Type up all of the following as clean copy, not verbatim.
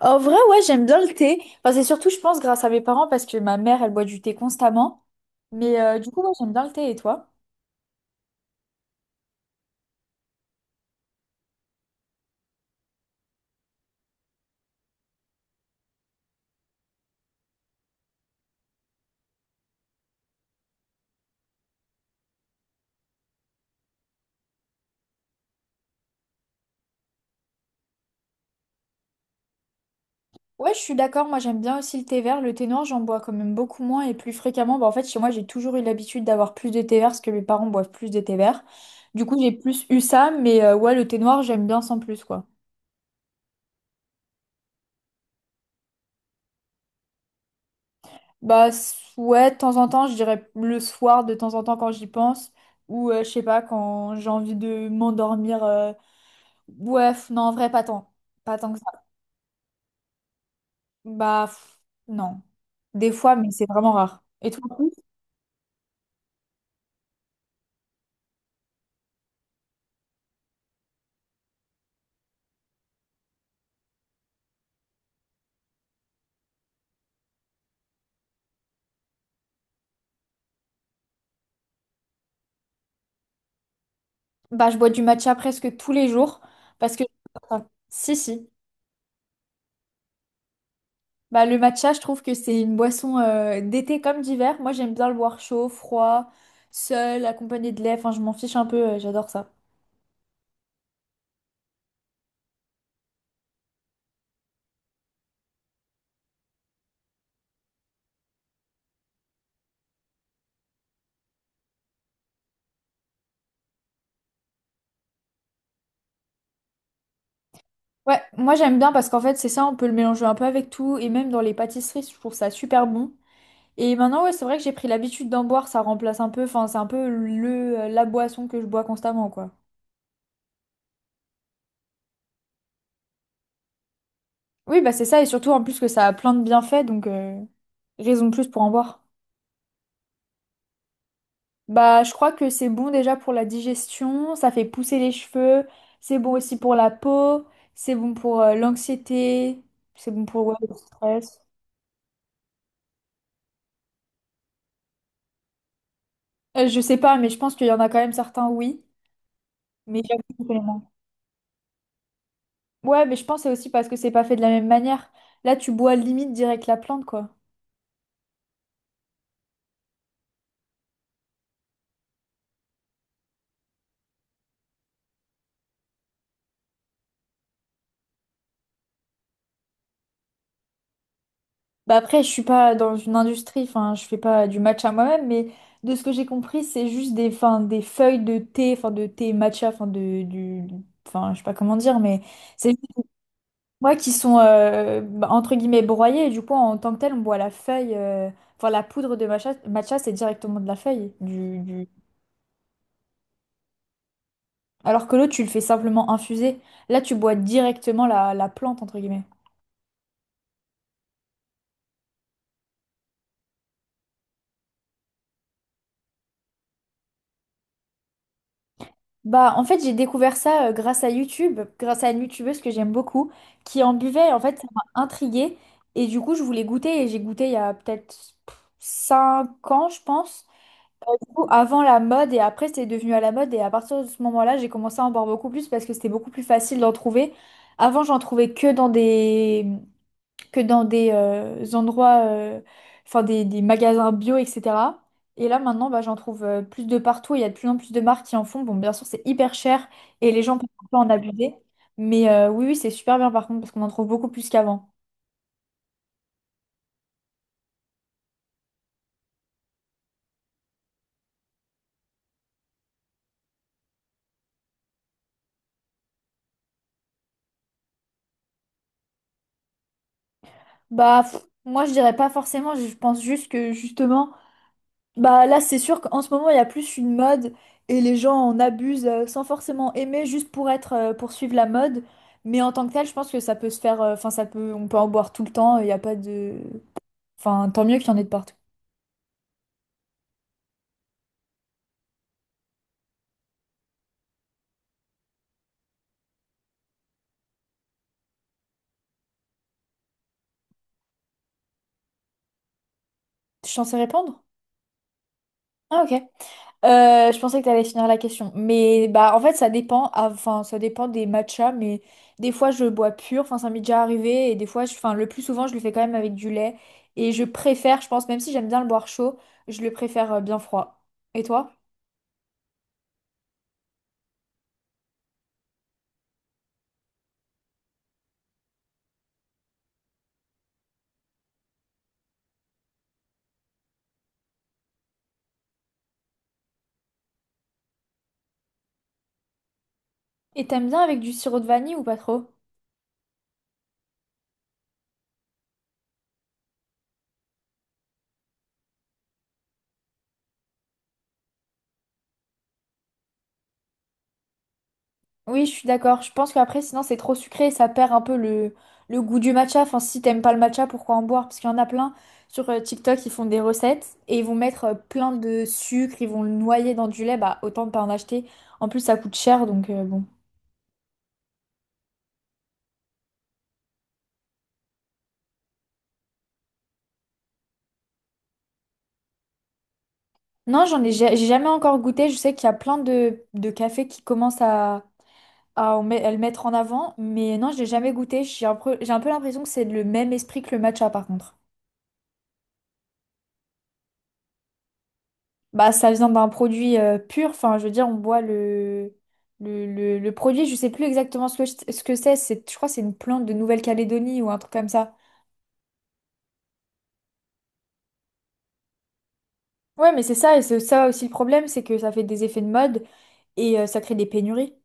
En vrai, ouais, j'aime bien le thé. Enfin, c'est surtout, je pense, grâce à mes parents parce que ma mère, elle boit du thé constamment. Mais du coup, ouais, j'aime bien le thé. Et toi? Ouais, je suis d'accord. Moi, j'aime bien aussi le thé vert. Le thé noir, j'en bois quand même beaucoup moins et plus fréquemment. Bah, en fait, chez moi, j'ai toujours eu l'habitude d'avoir plus de thé vert parce que mes parents boivent plus de thé vert. Du coup, j'ai plus eu ça. Mais ouais, le thé noir, j'aime bien sans plus, quoi. Bah, ouais, de temps en temps, je dirais le soir, de temps en temps, quand j'y pense. Ou, je sais pas, quand j'ai envie de m'endormir. Ouais, non, en vrai, pas tant. Pas tant que. Bah, non. Des fois, mais c'est vraiment rare. Et toi, en plus. Bah, je bois du matcha presque tous les jours parce que... enfin, si, si. Bah, le matcha, je trouve que c'est une boisson d'été comme d'hiver. Moi, j'aime bien le boire chaud, froid, seul, accompagné de lait. Enfin, je m'en fiche un peu, j'adore ça. Ouais, moi j'aime bien parce qu'en fait, c'est ça, on peut le mélanger un peu avec tout. Et même dans les pâtisseries, je trouve ça super bon. Et maintenant, ouais, c'est vrai que j'ai pris l'habitude d'en boire, ça remplace un peu, enfin, c'est un peu la boisson que je bois constamment, quoi. Oui, bah c'est ça, et surtout en plus que ça a plein de bienfaits, donc raison de plus pour en boire. Bah, je crois que c'est bon déjà pour la digestion, ça fait pousser les cheveux, c'est bon aussi pour la peau, c'est bon pour l'anxiété, c'est bon pour ouais, le stress. Je sais pas, mais je pense qu'il y en a quand même certains, oui, mais j'avoue que je connais moins. Ouais, mais je pense que c'est aussi parce que c'est pas fait de la même manière. Là, tu bois limite direct la plante, quoi. Bah après, je suis pas dans une industrie, enfin, je fais pas du matcha moi-même, mais de ce que j'ai compris, c'est juste des, enfin, des feuilles de thé, enfin, de thé matcha, enfin, de, du, enfin, je sais pas comment dire, mais c'est juste des noix qui sont, bah, entre guillemets, broyées, et du coup, en tant que tel, on boit la feuille, enfin, la poudre de matcha, matcha, c'est directement de la feuille, du... Alors que l'autre, tu le fais simplement infuser. Là, tu bois directement la plante, entre guillemets. Bah, en fait, j'ai découvert ça grâce à YouTube, grâce à une youtubeuse que j'aime beaucoup, qui en buvait. En fait, ça m'a intriguée. Et du coup, je voulais goûter. Et j'ai goûté il y a peut-être 5 ans, je pense. Du coup, avant la mode. Et après, c'était devenu à la mode. Et à partir de ce moment-là, j'ai commencé à en boire beaucoup plus parce que c'était beaucoup plus facile d'en trouver. Avant, j'en trouvais que dans des endroits, enfin des magasins bio, etc. Et là maintenant, bah, j'en trouve plus de partout. Il y a de plus en plus de marques qui en font. Bon, bien sûr, c'est hyper cher et les gens peuvent un peu en abuser. Mais oui, oui, c'est super bien par contre parce qu'on en trouve beaucoup plus qu'avant. Bah, moi, je dirais pas forcément. Je pense juste que justement. Bah là, c'est sûr qu'en ce moment, il y a plus une mode et les gens en abusent sans forcément aimer, juste pour être, pour suivre la mode. Mais en tant que tel, je pense que ça peut se faire, enfin, ça peut, on peut en boire tout le temps, il n'y a pas de... Enfin, tant mieux qu'il y en ait de partout. Tu es censé répondre? Ah, ok. Je pensais que tu allais finir la question. Mais bah en fait ça dépend, Ah, enfin ça dépend des matchas, mais des fois je bois pur, enfin ça m'est déjà arrivé, et des fois, enfin le plus souvent je le fais quand même avec du lait. Et je préfère, je pense, même si j'aime bien le boire chaud, je le préfère bien froid. Et toi? Et t'aimes bien avec du sirop de vanille ou pas trop? Oui, je suis d'accord. Je pense qu'après, sinon, c'est trop sucré et ça perd un peu le goût du matcha. Enfin, si t'aimes pas le matcha, pourquoi en boire? Parce qu'il y en a plein sur TikTok, ils font des recettes et ils vont mettre plein de sucre, ils vont le noyer dans du lait. Bah, autant ne pas en acheter. En plus, ça coûte cher, donc bon. Non, j'ai jamais encore goûté. Je sais qu'il y a plein de cafés qui commencent à le mettre en avant, mais non, je l'ai jamais goûté. J'ai un peu l'impression que c'est le même esprit que le matcha, par contre. Bah, ça vient d'un produit pur, enfin, je veux dire, on boit le produit, je sais plus exactement ce que, ce que c'est, je crois que c'est une plante de Nouvelle-Calédonie ou un truc comme ça. Ouais, mais c'est ça, et c'est ça aussi le problème, c'est que ça fait des effets de mode et ça crée des pénuries.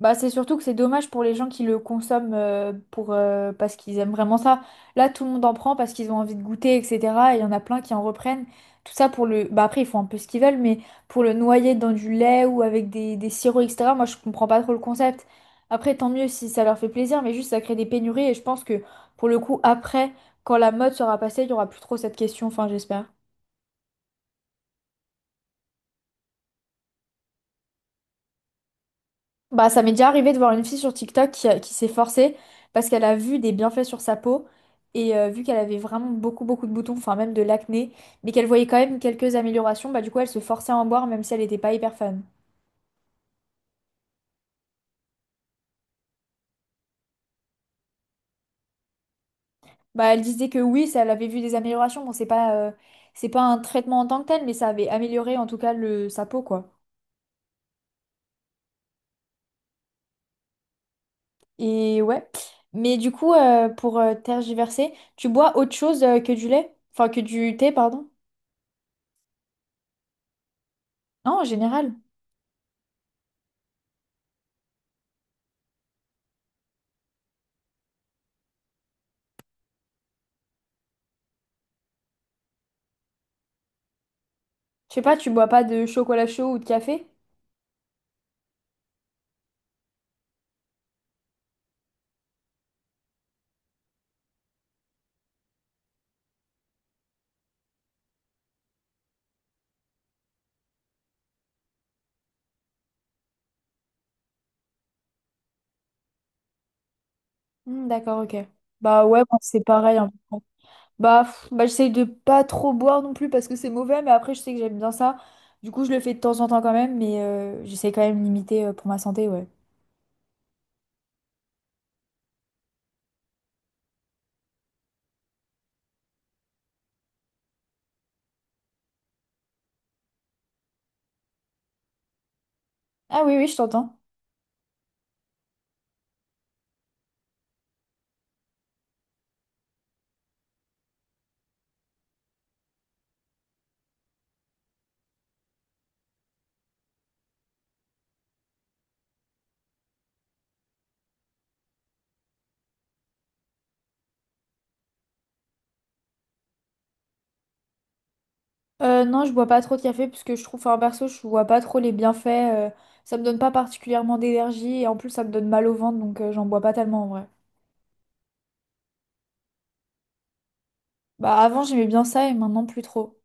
Bah, c'est surtout que c'est dommage pour les gens qui le consomment parce qu'ils aiment vraiment ça. Là, tout le monde en prend parce qu'ils ont envie de goûter, etc. Et il y en a plein qui en reprennent. Tout ça pour le... Bah, après, ils font un peu ce qu'ils veulent, mais pour le noyer dans du lait ou avec des sirops, etc. Moi, je comprends pas trop le concept. Après, tant mieux si ça leur fait plaisir, mais juste ça crée des pénuries. Et je pense que pour le coup, après, quand la mode sera passée, il y aura plus trop cette question. Enfin, j'espère. Bah, ça m'est déjà arrivé de voir une fille sur TikTok qui s'est forcée parce qu'elle a vu des bienfaits sur sa peau et vu qu'elle avait vraiment beaucoup beaucoup de boutons, enfin même de l'acné, mais qu'elle voyait quand même quelques améliorations, bah du coup elle se forçait à en boire même si elle n'était pas hyper fan. Bah elle disait que oui, ça, elle avait vu des améliorations, bon c'est pas un traitement en tant que tel, mais ça avait amélioré en tout cas sa peau quoi. Et ouais, mais du coup pour tergiverser, tu bois autre chose que du lait? Enfin que du thé, pardon? Non, en général. Je sais pas, tu bois pas de chocolat chaud ou de café? Hmm, d'accord, ok. Bah ouais, moi, c'est pareil, en fait. Bah, bah j'essaye de pas trop boire non plus parce que c'est mauvais, mais après je sais que j'aime bien ça. Du coup, je le fais de temps en temps quand même, mais j'essaie quand même de limiter pour ma santé, ouais. Ah oui, oui, je t'entends. Non, je bois pas trop de café parce que je trouve, enfin perso, je vois pas trop les bienfaits. Ça me donne pas particulièrement d'énergie et en plus ça me donne mal au ventre, donc j'en bois pas tellement en vrai. Bah avant j'aimais bien ça et maintenant plus trop.